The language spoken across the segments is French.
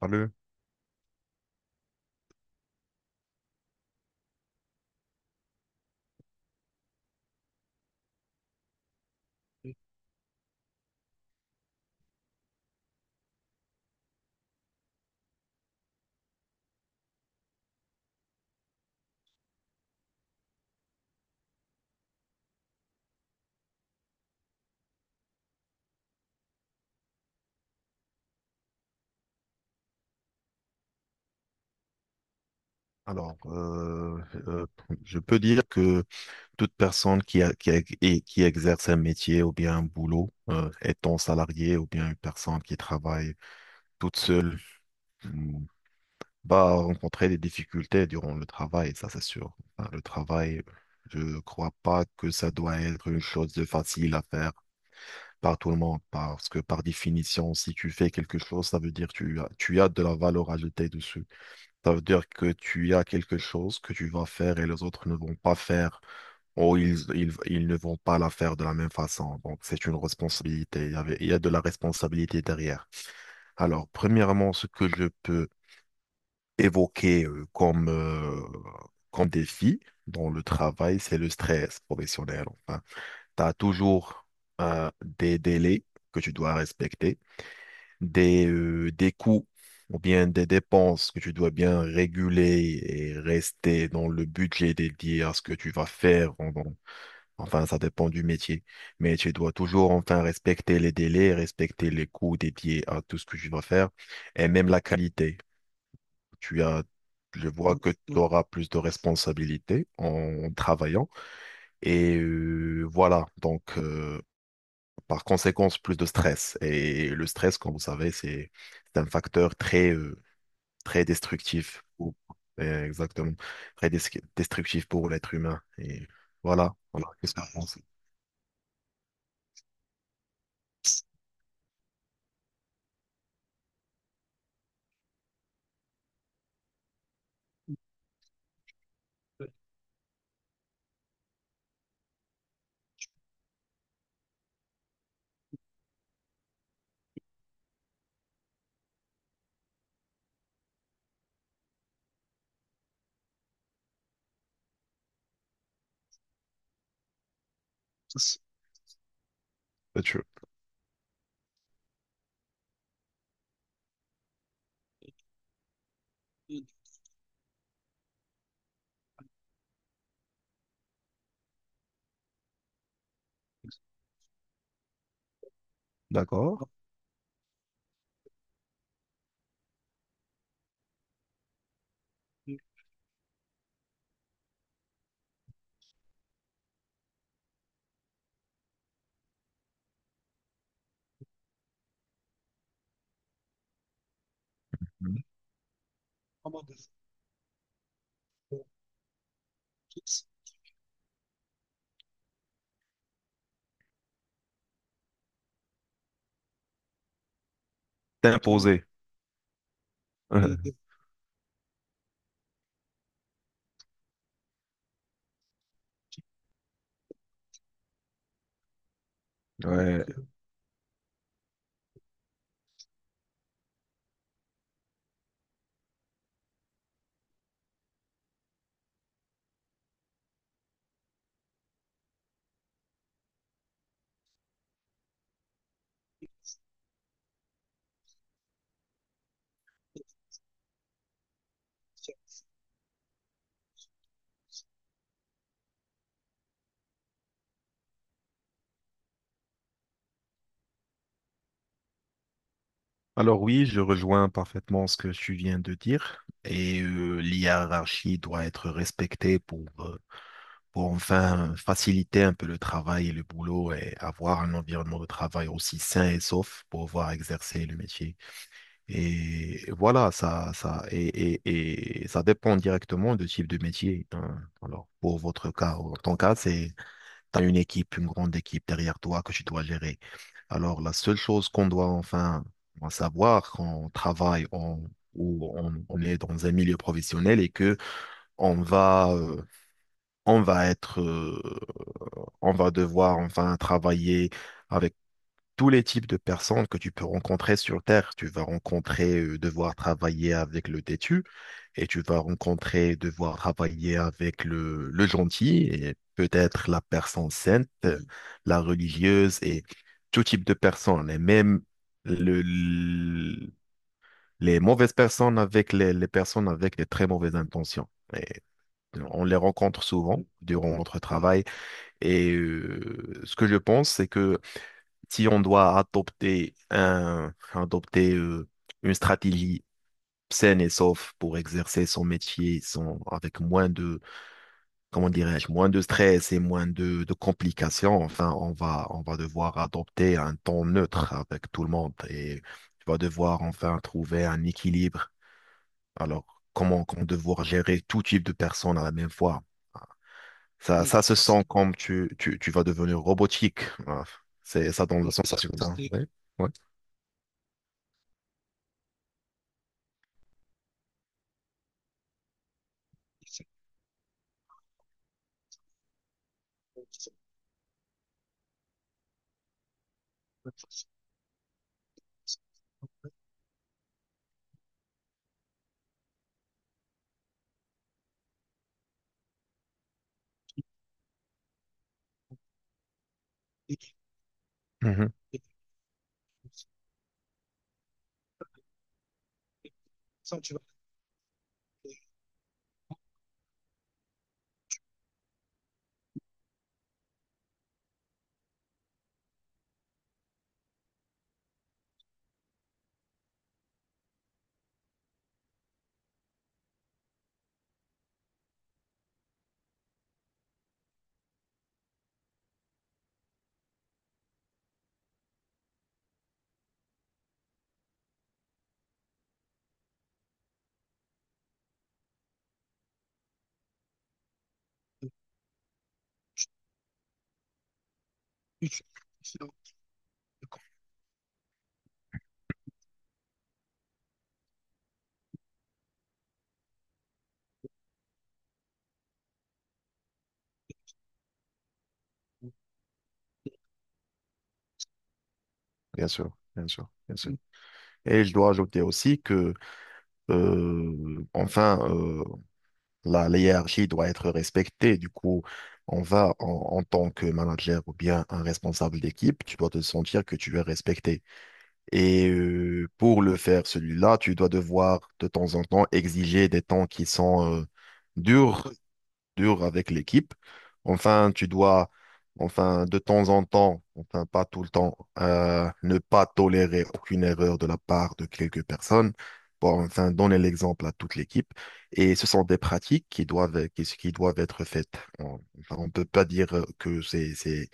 Allô. Alors, euh, je peux dire que toute personne qui, a- et qui exerce un métier ou bien un boulot, étant salarié ou bien une personne qui travaille toute seule, mm, va rencontrer des difficultés durant le travail, ça c'est sûr. Enfin, le travail, je ne crois pas que ça doit être une chose de facile à faire par tout le monde, parce que par définition, si tu fais quelque chose, ça veut dire que tu as de la valeur ajoutée dessus. Ça veut dire que tu as quelque chose que tu vas faire et les autres ne vont pas faire, ou ils ne vont pas la faire de la même façon. Donc, c'est une responsabilité. Il y a de la responsabilité derrière. Alors, premièrement, ce que je peux évoquer comme défi dans le travail, c'est le stress professionnel. Enfin, tu as toujours des délais que tu dois respecter, des coûts ou bien des dépenses que tu dois bien réguler et rester dans le budget dédié à ce que tu vas faire. Enfin, ça dépend du métier. Mais tu dois toujours enfin respecter les délais, respecter les coûts dédiés à tout ce que tu vas faire et même la qualité. Tu as, je vois que tu auras plus de responsabilités en travaillant. Et voilà, donc, par conséquence, plus de stress. Et le stress, comme vous savez, c'est un facteur très destructif. Exactement. Très des- Destructif pour l'être humain. Et voilà. Voilà. Qu'est-ce que vous pensez? C'est sûr. D'accord. Mhm. Alors oui, je rejoins parfaitement ce que tu viens de dire. Et l'hierarchie doit être respectée pour enfin faciliter un peu le travail et le boulot et avoir un environnement de travail aussi sain et sauf pour pouvoir exercer le métier. Et voilà, ça, et ça dépend directement du type de métier, hein. Alors, pour votre cas, ou ton cas, c'est, tu as une équipe, une grande équipe derrière toi que tu dois gérer. Alors, la seule chose qu'on doit enfin savoir quand on ou on est dans un milieu professionnel et que on va, euh, on va être, euh, on va devoir enfin travailler avec tous les types de personnes que tu peux rencontrer sur Terre. Tu vas rencontrer devoir travailler avec le têtu et tu vas rencontrer devoir travailler avec le gentil et peut-être la personne sainte, la religieuse et tout type de personnes. Et même le- le- les mauvaises personnes avec les personnes avec des très mauvaises intentions. Et on les rencontre souvent durant notre travail. Et ce que je pense, c'est que si on doit adopter une stratégie saine et sauf pour exercer son métier sans, avec comment dirais-je, moins de stress et moins de complications, enfin, on va devoir adopter un ton neutre avec tout le monde et on va devoir enfin trouver un équilibre. Alors, comment devoir gérer tout type de personnes à la même fois? Ça se sent comme tu vas devenir robotique. Voilà. C'est ça donne la sensation. Ça. Ouais. Ouais. Bien sûr, bien sûr, bien sûr. Et je dois ajouter aussi que, euh, enfin, euh, la hiérarchie doit être respectée. Du coup, en, en tant que manager ou bien un responsable d'équipe, tu dois te sentir que tu es respecté. Et pour le faire, celui-là, tu dois devoir de temps en temps exiger des temps qui sont durs, dur avec l'équipe. Enfin, tu dois, enfin, de temps en temps, enfin, pas tout le temps, ne pas tolérer aucune erreur de la part de quelques personnes pour enfin donner l'exemple à toute l'équipe. Et ce sont des pratiques qui doivent, qui doivent être faites. On, enfin, on peut pas dire que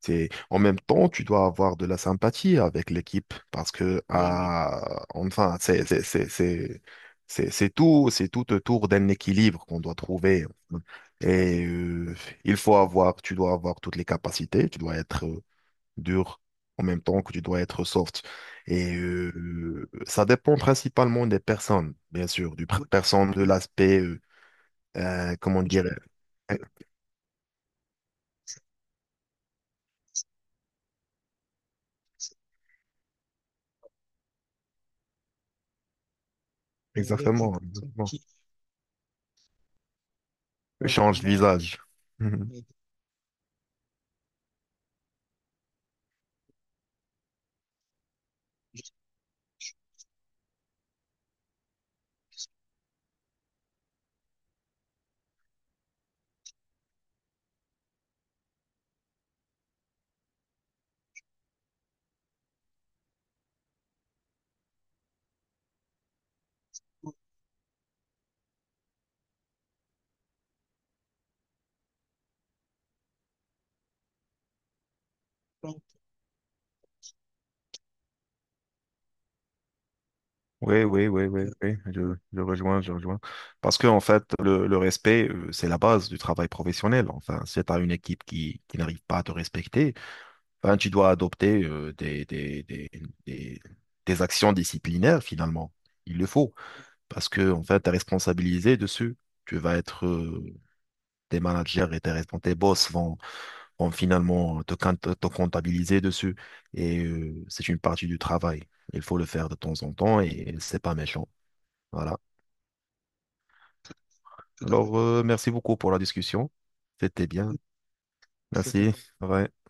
c'est, en même temps, tu dois avoir de la sympathie avec l'équipe parce que, oui, oui, ah, enfin, c'est tout autour d'un équilibre qu'on doit trouver. Et il faut avoir, tu dois avoir toutes les capacités, tu dois être dur en même temps que tu dois être soft. Et ça dépend principalement des personnes, bien sûr, personne, de l'aspect, comment dire, qui, exactement, exactement. Ouais, change de moi, visage. Oui, oui, oui, oui, oui, je rejoins, je rejoins. Parce que, en fait, le respect, c'est la base du travail professionnel. Enfin, si tu as une équipe qui n'arrive pas à te respecter, ben, tu dois adopter des, des actions disciplinaires, finalement. Il le faut. Parce que, en fait, tu es responsabilisé dessus. Tu vas être, tes managers et tes boss vont, vont finalement te comptabiliser dessus. Et c'est une partie du travail. Il faut le faire de temps en temps et c'est pas méchant. Voilà. Alors, merci beaucoup pour la discussion. C'était bien. C'était… Merci. C'était… Ouais.